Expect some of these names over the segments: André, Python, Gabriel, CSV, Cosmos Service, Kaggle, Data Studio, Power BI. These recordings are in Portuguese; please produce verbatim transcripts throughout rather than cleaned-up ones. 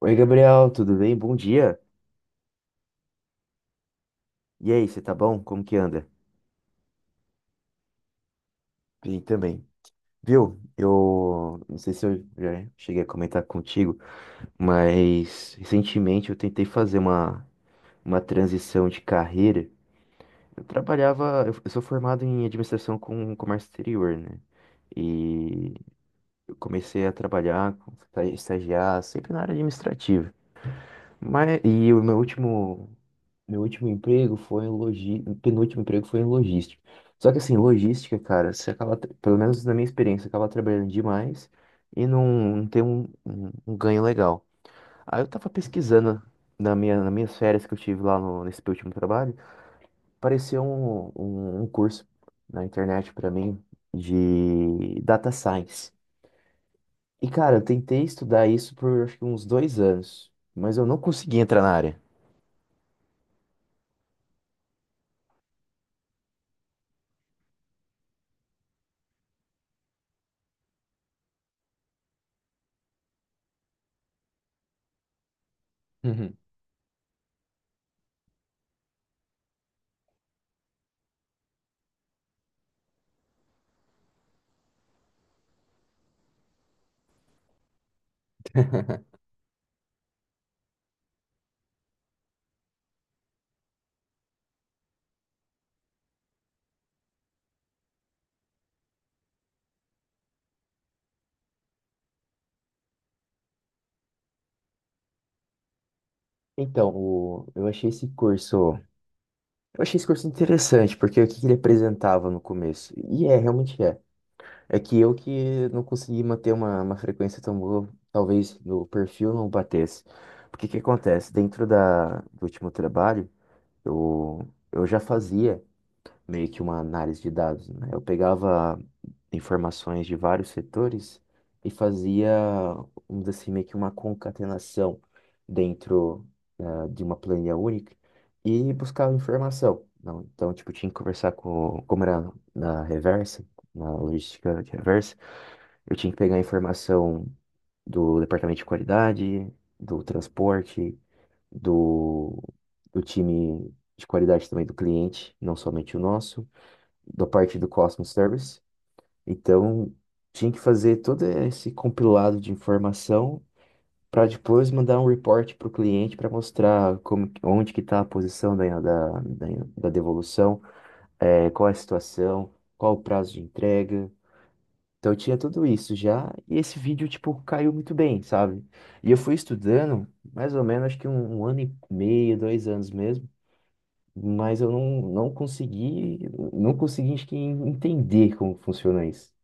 Oi, Gabriel, tudo bem? Bom dia. E aí, você tá bom? Como que anda? Bem também. Viu? Eu não sei se eu já cheguei a comentar contigo, mas recentemente eu tentei fazer uma, uma transição de carreira. Eu trabalhava, eu eu sou formado em administração com comércio exterior, né? E eu comecei a trabalhar, esta- estagiar sempre na área administrativa. Mas, e o meu último Meu último emprego foi em logi... penúltimo emprego foi em logística. Só que assim, logística, cara, você acaba, tra- pelo menos na minha experiência, acaba trabalhando demais e não, não tem um, um- um ganho legal. Aí eu tava pesquisando na minha, nas minhas férias que eu tive lá no- nesse meu último trabalho. Apareceu um, um, um curso na internet pra mim de data science. E cara, eu tentei estudar isso por acho que uns dois anos, mas eu não consegui entrar na área. Então, o- eu achei esse curso. Eu achei esse curso interessante, porque o que que ele apresentava no começo? E é, realmente é. É que eu que não consegui manter uma, uma frequência tão boa, talvez no perfil não batesse. Porque o que acontece? Dentro da, do último trabalho, eu, eu já fazia meio que uma análise de dados, né? Eu pegava informações de vários setores e fazia, vamos dizer assim, meio que uma concatenação dentro, eh, de uma planilha única e buscava informação. Não, então, tipo, tinha que conversar com, como era na reversa, na logística de reversa, eu tinha que pegar a informação do departamento de qualidade, do transporte, do, do time de qualidade também do cliente, não somente o nosso da parte do Cosmos Service. Então, tinha que fazer todo esse compilado de informação para depois mandar um report para o cliente para mostrar como, que- onde que está a posição da, da, da, da devolução, eh, qual é a situação, qual o prazo de entrega. Então, eu tinha tudo isso já, e esse vídeo, tipo, caiu muito bem, sabe? E eu fui estudando, mais ou menos, acho que um, um ano e meio, dois anos mesmo, mas eu não, não consegui, não consegui, acho que, entender como funciona isso.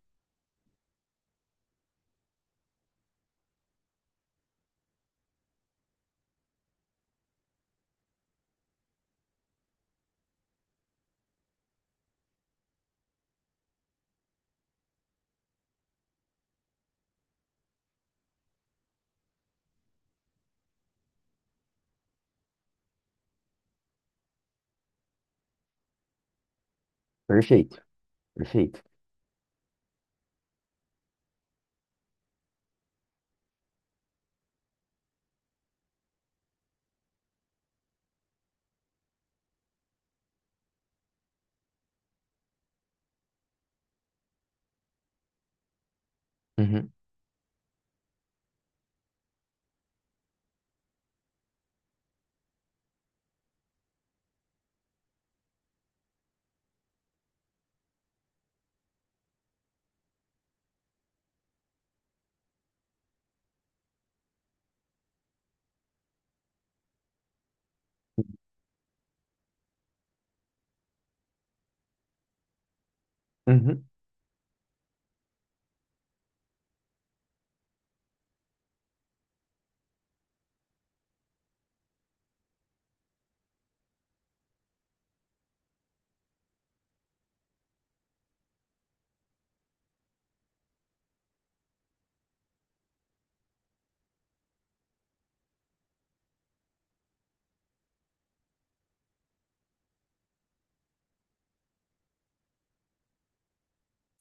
Perfeito, perfeito. Uhum, uhum.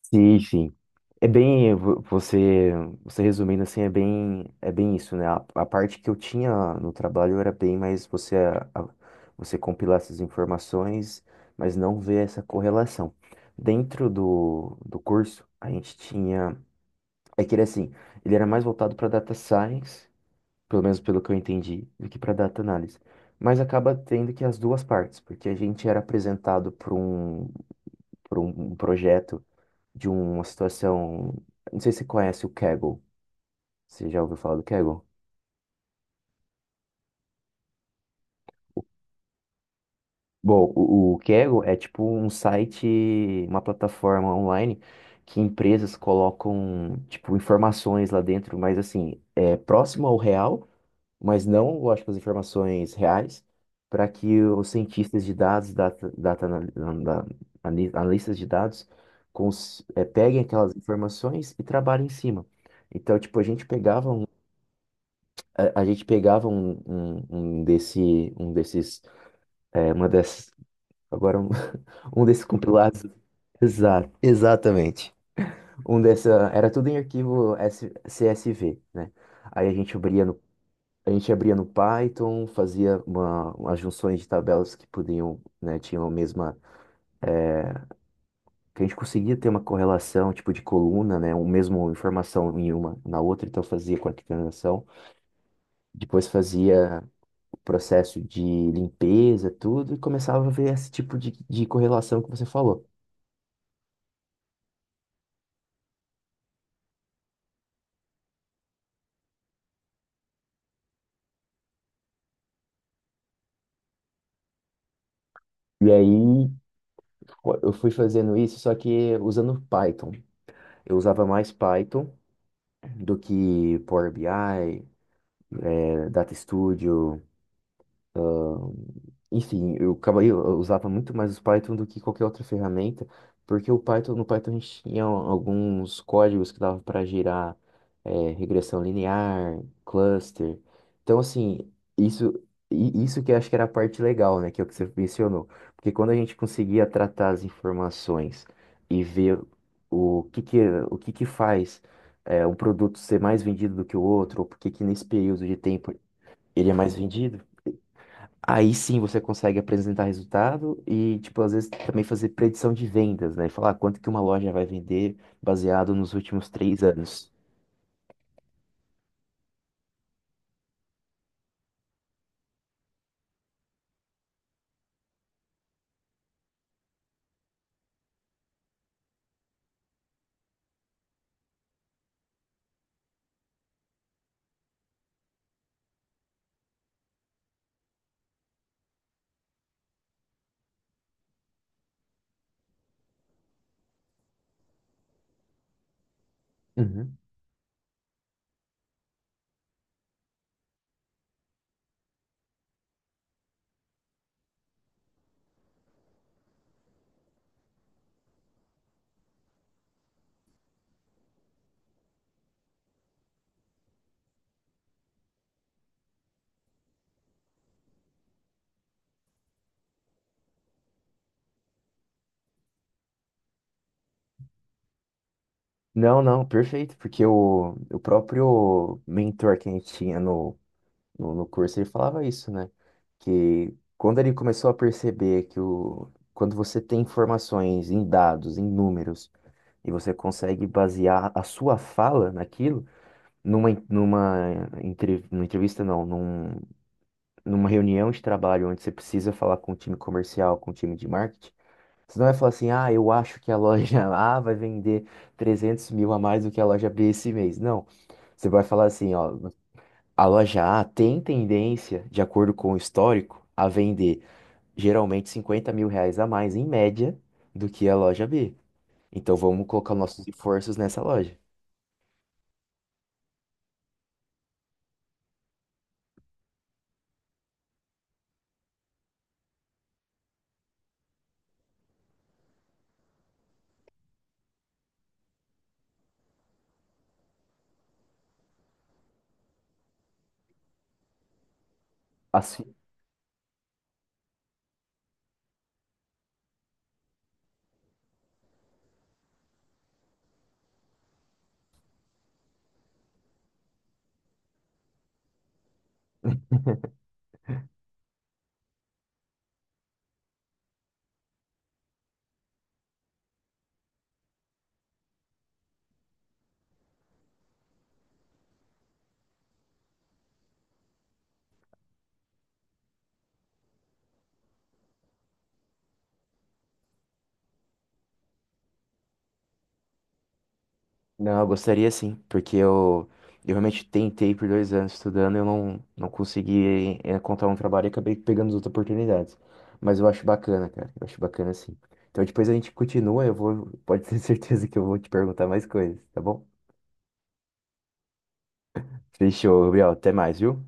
Sim, sim. É bem, vo- você, você resumindo assim, é bem, é bem isso, né? A, a parte que eu tinha no trabalho era bem mais você, a- você compilar essas informações, mas não ver essa correlação. Dentro do, do curso, a gente tinha, é que ele assim, ele era mais voltado para data science, pelo menos pelo que eu entendi, do que para data análise. Mas acaba tendo que as duas partes, porque a gente era apresentado para por um, um projeto de uma situação. Não sei se você conhece o Kaggle. Você já ouviu falar do Kaggle? Bom, o, o Kaggle é tipo um site, uma plataforma online que empresas colocam, tipo, informações lá dentro, mas assim, é próximo ao real, mas não, lógico, as informações reais, para que os cientistas de dados, data, data, anal- da- ani- analistas de dados, cons- é, peguem aquelas informações e trabalhem em cima. Então, tipo, a gente pegava A, a gente pegava um, um, um desse, um desses, é, uma dessas, agora um, um desses compilados. Exato, exatamente. Um dessa, era tudo em arquivo S- C S V, né? Aí a gente abria no, a gente abria no Python, fazia uma, umas junções de tabelas que podiam, né, tinham a mesma, que a gente conseguia ter uma correlação, tipo de coluna, né, o mesmo informação em uma na outra, então fazia com a coordenação. Depois fazia processo de limpeza, tudo, e começava a ver esse tipo de, de correlação que você falou. E aí pô, eu fui fazendo isso, só que usando Python. Eu usava mais Python do que Power B I, eh, Data Studio. Enfim, eu acabei, eu usava muito mais o Python do que qualquer outra ferramenta, porque o Python, no Python a gente tinha alguns códigos que dava para gerar é, regressão linear, cluster. Então, assim, isso, i- isso que eu acho que era a parte legal, né, que é o que você mencionou. Porque quando a gente conseguia tratar as informações e ver o que que, o que que faz é, um produto ser mais vendido do que o outro, ou por que que nesse período de tempo ele é mais vendido. Aí sim você consegue apresentar resultado e, tipo, às vezes também fazer predição de vendas, né? Falar quanto que uma loja vai vender baseado nos últimos três anos. Uhum. Não, não, perfeito, porque o, o próprio mentor que a gente tinha no, no, no curso, ele falava isso, né? Que quando ele começou a perceber que o, quando você tem informações em dados, em números, e você consegue basear a sua fala naquilo, numa, numa, entre, numa entrevista, não, num, numa reunião de trabalho onde você precisa falar com o time comercial, com o time de marketing, você não vai falar assim, ah, eu acho que a loja A vai vender trezentos mil a mais do que a loja B esse mês. Não, você vai falar assim, ó, a loja A tem tendência, de acordo com o histórico, a vender geralmente cinquenta mil reais a mais, em média, do que a loja B. Então vamos colocar nossos esforços nessa loja. As Não, eu gostaria sim, porque eu, eu realmente tentei por dois anos estudando, eu não, não consegui eh, encontrar um trabalho e acabei pegando as outras oportunidades. Mas eu acho bacana, cara, eu acho bacana sim. Então depois a gente continua, eu vou, pode ter certeza que eu vou te perguntar mais coisas, tá bom? Fechou, Gabriel, até mais, viu?